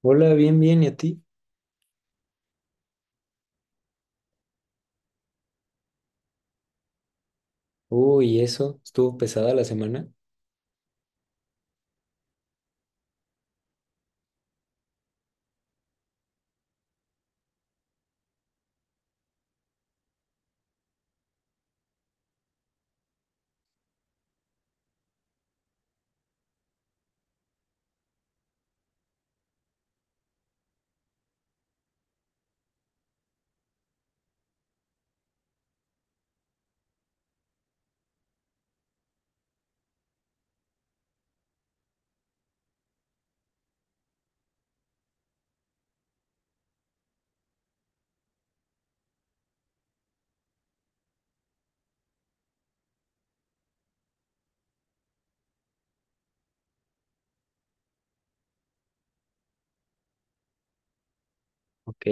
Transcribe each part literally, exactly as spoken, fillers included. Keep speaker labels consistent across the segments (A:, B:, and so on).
A: Hola, bien, bien, ¿y a ti? Uy, eso, estuvo pesada la semana. Ok,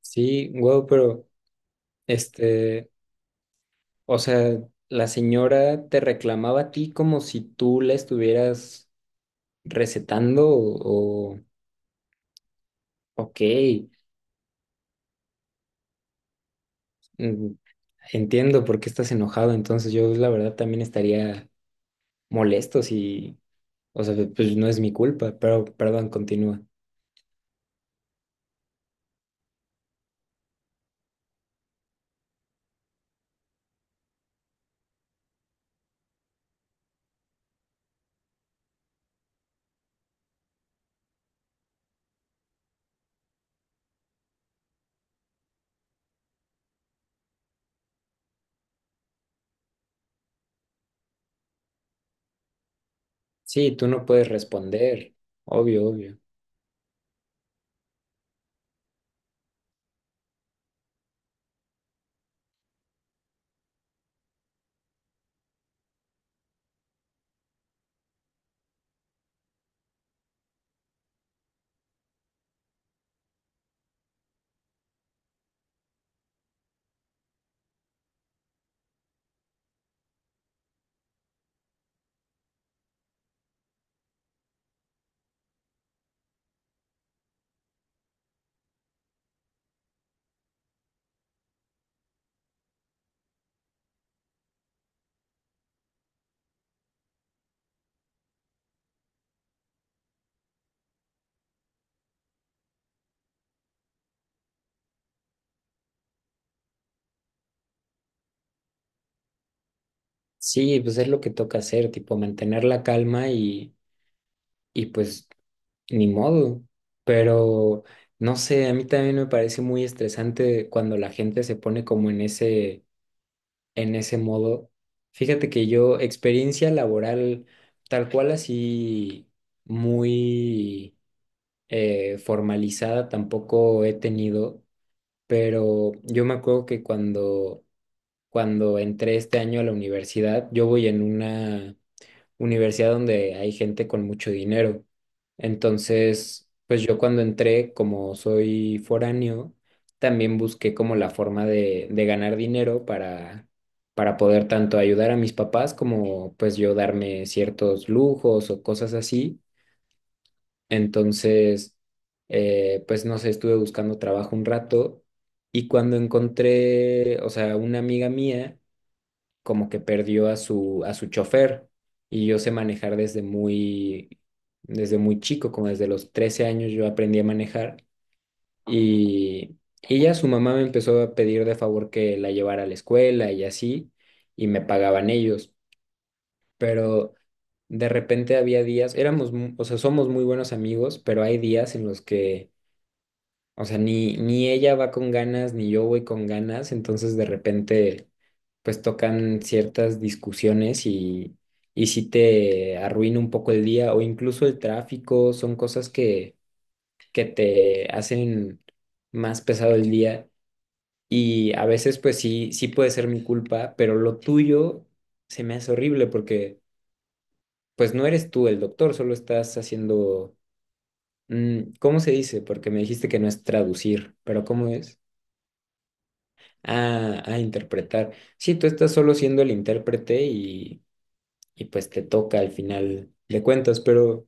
A: sí, wow, pero este, o sea, la señora te reclamaba a ti como si tú la estuvieras recetando o, o- Ok, mm, entiendo por qué estás enojado, entonces yo la verdad también estaría molesto si, o sea, pues no es mi culpa, pero perdón, continúa. Sí, tú no puedes responder, obvio, obvio. Sí, pues es lo que toca hacer, tipo mantener la calma y, y pues ni modo. Pero no sé, a mí también me parece muy estresante cuando la gente se pone como en ese, en ese modo. Fíjate que yo, experiencia laboral tal cual así muy eh, formalizada tampoco he tenido, pero yo me acuerdo que cuando, cuando entré este año a la universidad, yo voy en una universidad donde hay gente con mucho dinero. Entonces, pues yo cuando entré, como soy foráneo, también busqué como la forma de, de ganar dinero para, para poder tanto ayudar a mis papás como pues yo darme ciertos lujos o cosas así. Entonces, eh, pues no sé, estuve buscando trabajo un rato y cuando encontré, o sea, una amiga mía, como que perdió a su, a su chofer y yo sé manejar desde muy, desde muy chico, como desde los trece años yo aprendí a manejar y, y ya su mamá me empezó a pedir de favor que la llevara a la escuela y así, y me pagaban ellos, pero de repente había días, éramos, mu- o sea, somos muy buenos amigos, pero hay días en los que o sea, ni, ni ella va con ganas, ni yo voy con ganas, entonces de repente pues tocan ciertas discusiones y, y sí te arruina un poco el día o incluso el tráfico, son cosas que, que te hacen más pesado el día y a veces pues sí, sí puede ser mi culpa, pero lo tuyo se me hace horrible porque pues no eres tú el doctor, solo estás haciendo, mm, ¿cómo se dice? Porque me dijiste que no es traducir, pero ¿cómo es? A, a interpretar. Sí, tú estás solo siendo el intérprete y, y pues te toca al final de cuentas, pero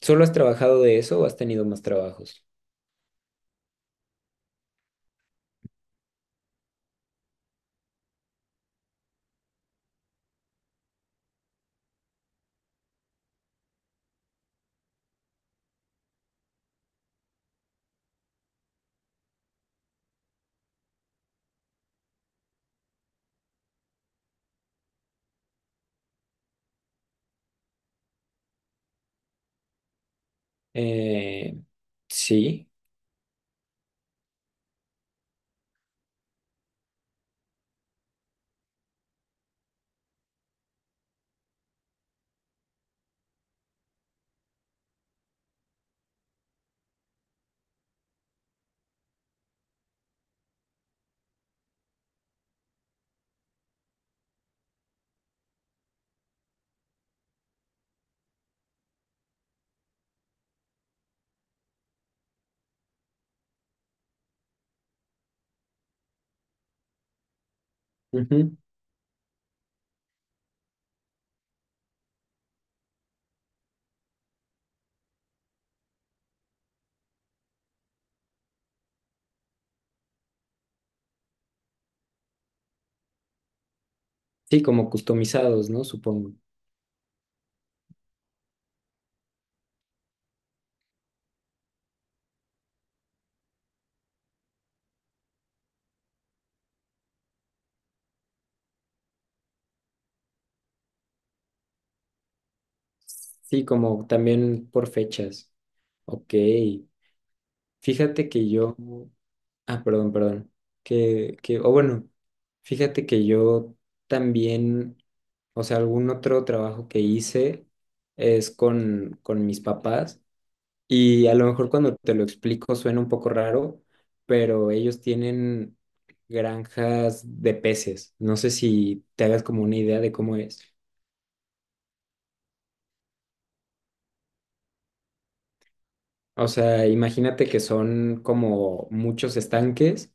A: ¿solo has trabajado de eso o has tenido más trabajos? Eh, sí, ujú. Sí, como customizados, ¿no? Supongo. Sí, como también por fechas. Ok, fíjate que yo, ah, perdón, perdón. Que, que, o bueno, fíjate que yo también, o sea, algún otro trabajo que hice es con, con mis papás y a lo mejor cuando te lo explico suena un poco raro, pero ellos tienen granjas de peces. No sé si te hagas como una idea de cómo es. O sea, imagínate que son como muchos estanques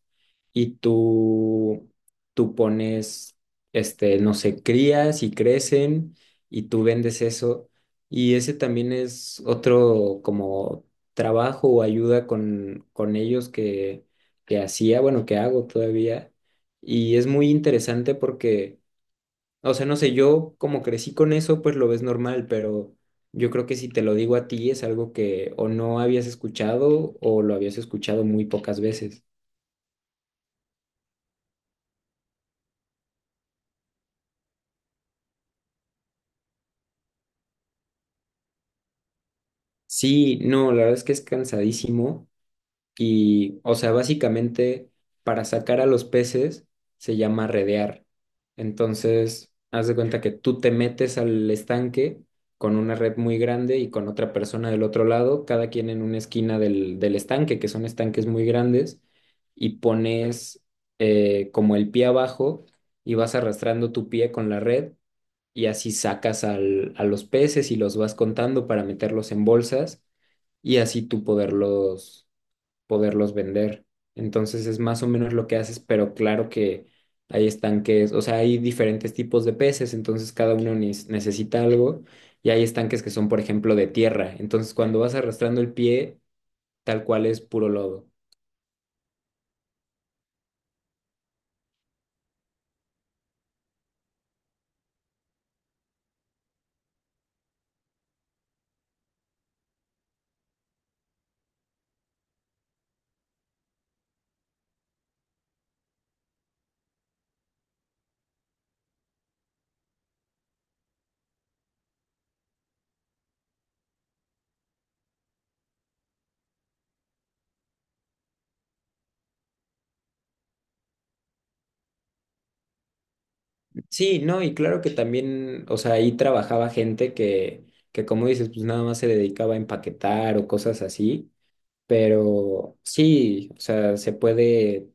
A: y tú, tú pones, este, no sé, crías y crecen y tú vendes eso. Y ese también es otro como trabajo o ayuda con, con ellos que, que hacía, bueno, que hago todavía. Y es muy interesante porque o sea, no sé, yo como crecí con eso, pues lo ves normal, pero yo creo que si te lo digo a ti es algo que o no habías escuchado o lo habías escuchado muy pocas veces. Sí, no, la verdad es que es cansadísimo. Y, o sea, básicamente para sacar a los peces se llama redear. Entonces, haz de cuenta que tú te metes al estanque con una red muy grande y con otra persona del otro lado, cada quien en una esquina del, del estanque, que son estanques muy grandes, y pones eh, como el pie abajo y vas arrastrando tu pie con la red y así sacas al- a los peces y los vas contando para meterlos en bolsas y así tú poderlos poderlos vender. Entonces es más o menos lo que haces, pero claro que hay estanques, o sea, hay diferentes tipos de peces, entonces cada uno nes- necesita algo y hay estanques que son, por ejemplo, de tierra. Entonces cuando vas arrastrando el pie, tal cual es puro lodo. Sí, no, y claro que también, o sea, ahí trabajaba gente que, que como dices, pues nada más se dedicaba a empaquetar o cosas así, pero sí, o sea, se puede,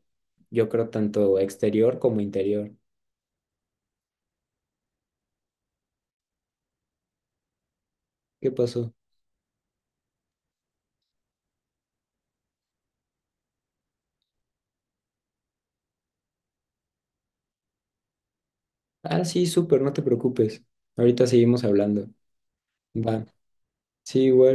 A: yo creo, tanto exterior como interior. ¿Qué pasó? Ah, sí, súper, no te preocupes. Ahorita seguimos hablando. Va. Sí, igual.